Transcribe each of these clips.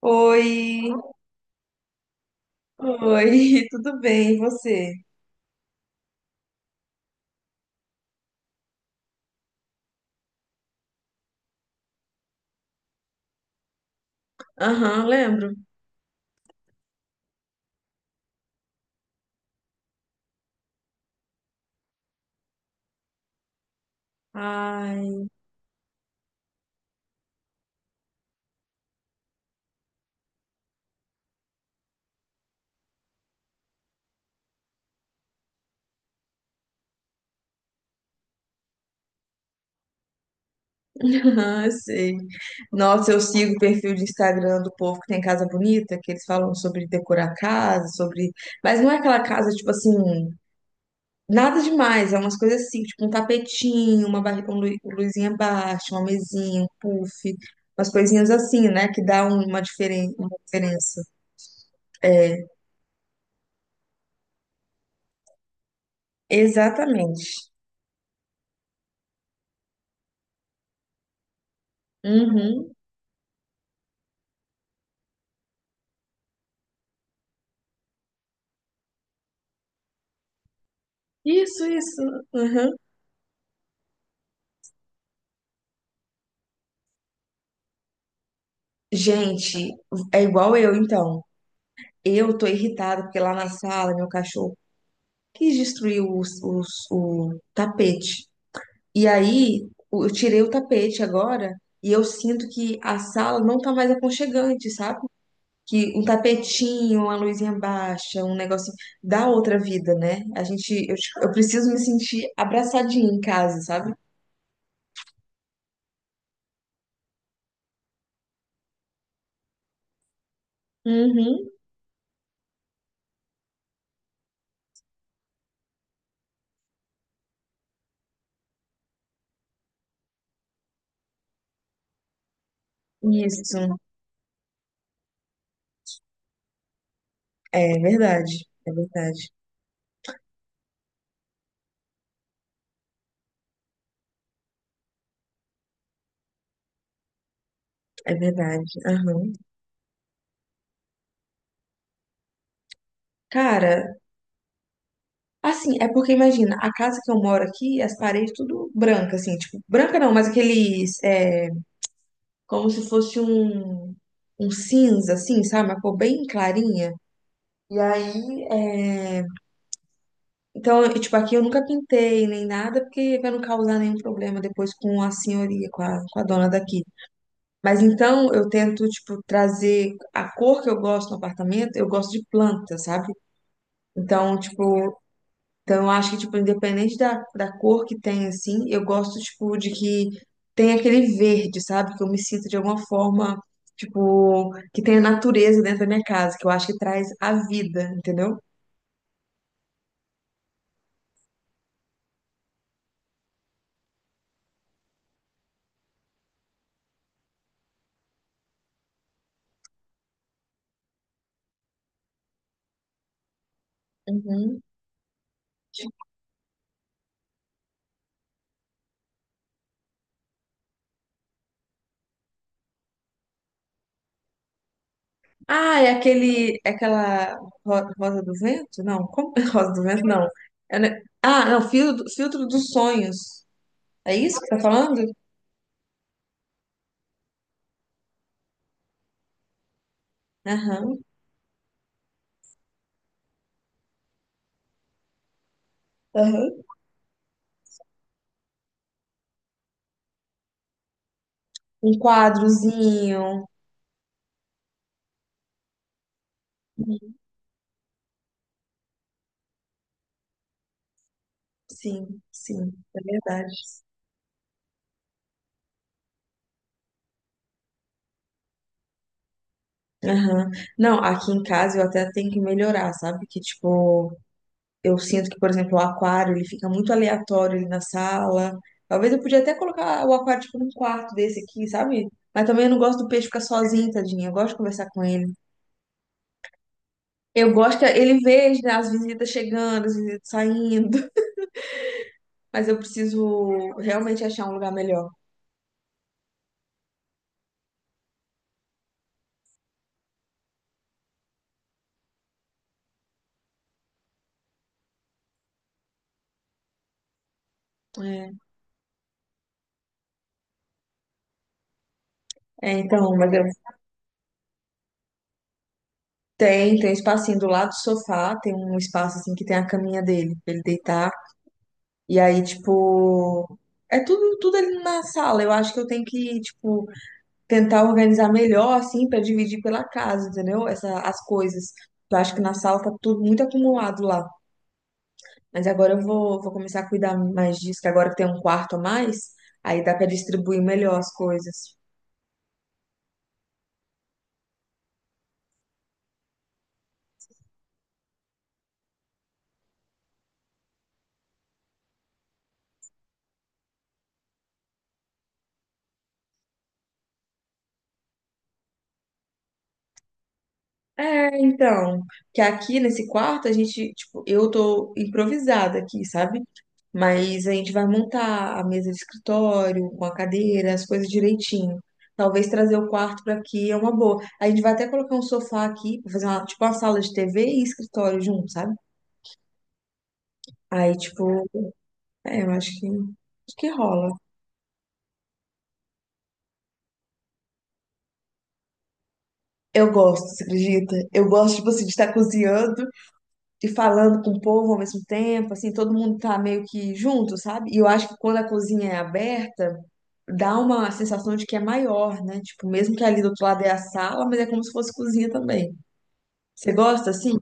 Oi, oi, tudo bem, e você? Aham, lembro. Ai, aham, eu sei. Nossa, eu sigo o perfil de Instagram do povo que tem casa bonita, que eles falam sobre decorar casa, sobre. Mas não é aquela casa, tipo assim, nada demais, é umas coisas assim, tipo um tapetinho, uma barri... um lu- luzinha baixa, uma mesinha, um puff, umas coisinhas assim, né, que dá uma uma diferença. É, exatamente. Uhum. Isso, isso. Gente, é igual eu, então. Eu tô irritada porque lá na sala meu cachorro quis destruir o tapete. E aí eu tirei o tapete agora e eu sinto que a sala não tá mais aconchegante, sabe? Que um tapetinho, uma luzinha baixa, um negocinho dá outra vida, né? Eu preciso me sentir abraçadinha em casa, sabe? Uhum, isso. É verdade, é verdade, é verdade. Aham. Cara. Assim, é porque imagina, a casa que eu moro aqui, as paredes tudo branca, assim, tipo, branca não, mas aqueles, é, como se fosse um cinza, assim, sabe? Uma cor bem clarinha. E aí, é, então, e, tipo, aqui eu nunca pintei nem nada, porque pra não causar nenhum problema depois com a senhoria, com a dona daqui. Mas então eu tento, tipo, trazer a cor que eu gosto no apartamento, eu gosto de planta, sabe? Então, tipo, então, eu acho que, tipo, independente da cor que tem, assim, eu gosto, tipo, de que tem aquele verde, sabe? Que eu me sinto de alguma forma, tipo, que tem a natureza dentro da minha casa, que eu acho que traz a vida, entendeu? Uhum. Ah, é aquele, é aquela rosa do vento? Não, como rosa do vento? Não. É, né? Ah, não, filtro, filtro dos sonhos. É isso que tá falando? Aham. Aham. Um quadrozinho. Sim, sim, é verdade. Aham. Não, aqui em casa eu até tenho que melhorar, sabe? Que, tipo, eu sinto que, por exemplo, o aquário, ele fica muito aleatório ali na sala. Talvez eu podia até colocar o aquário, tipo, num quarto desse aqui, sabe? Mas também eu não gosto do peixe ficar sozinho, tadinho. Eu gosto de conversar com ele. Eu gosto que ele veja, né, as visitas chegando, as visitas saindo. Mas eu preciso realmente achar um lugar melhor. É, é, então, mas eu... Tem, tem um espacinho do lado do sofá, tem um espaço, assim, que tem a caminha dele, pra ele deitar. E aí, tipo, é tudo ali na sala. Eu acho que eu tenho que, tipo, tentar organizar melhor, assim, pra dividir pela casa, entendeu? Essa, as coisas. Eu acho que na sala tá tudo muito acumulado lá. Mas agora vou começar a cuidar mais disso, que agora que tem um quarto a mais, aí dá pra distribuir melhor as coisas. É, então, que aqui nesse quarto a gente, tipo, eu tô improvisada aqui, sabe? Mas a gente vai montar a mesa de escritório, com a cadeira, as coisas direitinho. Talvez trazer o quarto pra aqui é uma boa. A gente vai até colocar um sofá aqui, pra fazer uma, tipo uma sala de TV e escritório junto, sabe? Aí, tipo, é, eu acho que rola. Eu gosto, você acredita? Eu gosto, tipo assim, de estar cozinhando e falando com o povo ao mesmo tempo, assim, todo mundo tá meio que junto, sabe? E eu acho que quando a cozinha é aberta, dá uma sensação de que é maior, né? Tipo, mesmo que ali do outro lado é a sala, mas é como se fosse cozinha também. Você gosta assim?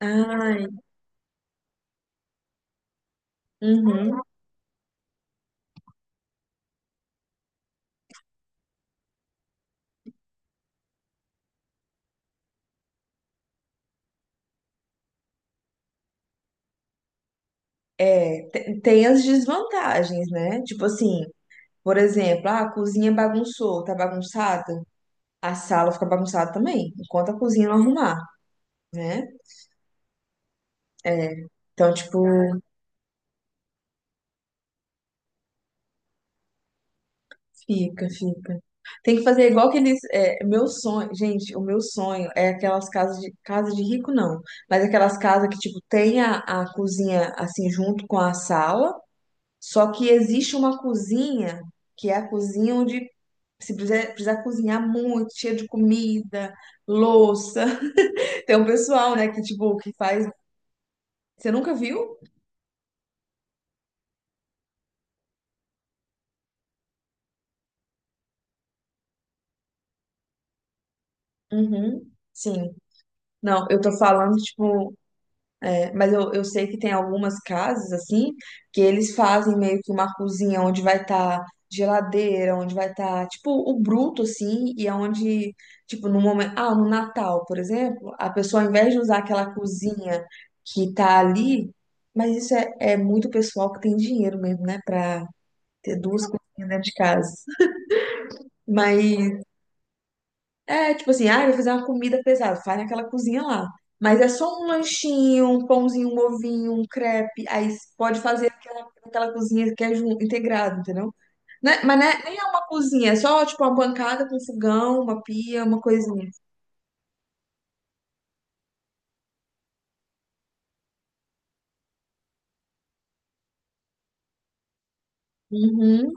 Ai, uhum. É, tem as desvantagens, né? Tipo assim, por exemplo, ah, a cozinha é bagunçou, tá bagunçada, a sala fica bagunçada também, enquanto a cozinha não arrumar, né? Então, tipo, fica, fica. Tem que fazer igual aqueles. É, meu sonho, gente, o meu sonho é aquelas casas de casa de rico, não. Mas aquelas casas que, tipo, tem a cozinha assim junto com a sala, só que existe uma cozinha que é a cozinha onde se precisar, precisar cozinhar muito, cheia de comida, louça. Tem um pessoal, né, que, tipo, que faz. Você nunca viu? Uhum. Sim. Não, eu tô falando, tipo. Mas eu sei que tem algumas casas, assim, que eles fazem meio que uma cozinha onde vai estar geladeira, onde vai estar, tipo, o bruto, assim, e aonde, tipo, no momento. Ah, no Natal, por exemplo, a pessoa, ao invés de usar aquela cozinha que tá ali, mas isso é muito pessoal que tem dinheiro mesmo, né, pra ter duas cozinhas dentro de casa. Mas é, tipo assim, ah, eu vou fazer uma comida pesada, faz naquela cozinha lá. Mas é só um lanchinho, um pãozinho, um ovinho, um crepe. Pode fazer aquela cozinha que é integrado, entendeu? Né? Mas né, nem é uma cozinha, é só tipo uma bancada com fogão, uma pia, uma coisinha. Uhum,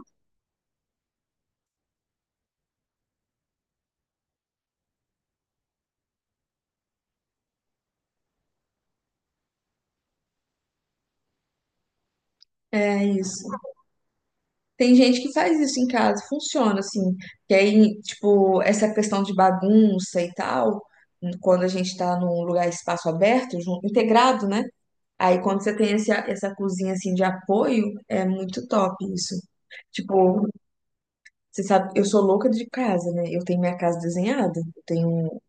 é isso. Tem gente que faz isso em casa, funciona assim. Que aí, tipo, essa questão de bagunça e tal, quando a gente tá num lugar, espaço aberto, integrado, né? Aí quando você tem essa cozinha assim de apoio, é muito top isso. Tipo, você sabe, eu sou louca de casa, né? Eu tenho minha casa desenhada. Eu tenho.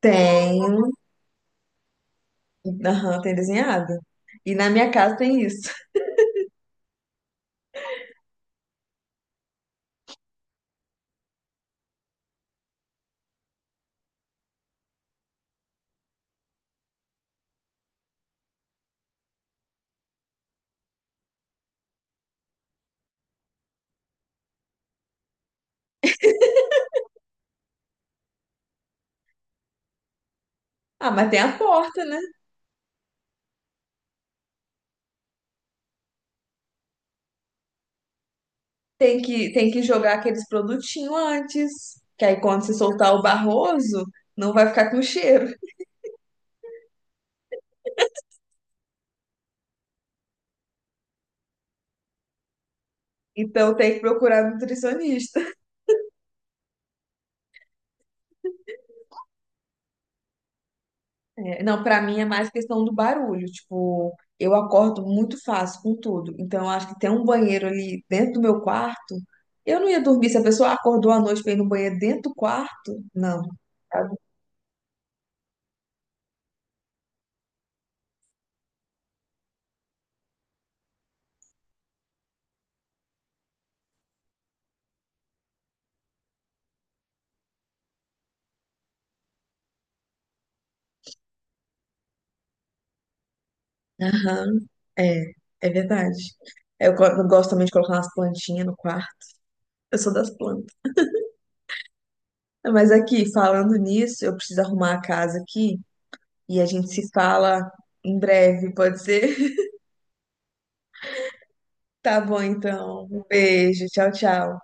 Tenho. Aham, tem desenhada. E na minha casa tem isso. Ah, mas tem a porta, né? Tem que jogar aqueles produtinhos antes. Que aí quando você soltar o barroso, não vai ficar com cheiro. Então tem que procurar nutricionista. É, não, pra mim é mais questão do barulho. Tipo, eu acordo muito fácil com tudo. Então, eu acho que ter um banheiro ali dentro do meu quarto, eu não ia dormir. Se a pessoa acordou à noite pra ir no banheiro dentro do quarto, não. Sabe? Aham, é, é verdade. Eu, eu gosto também de colocar umas plantinhas no quarto. Eu sou das plantas. Mas aqui, falando nisso, eu preciso arrumar a casa aqui e a gente se fala em breve, pode ser? Tá bom, então. Um beijo. Tchau, tchau.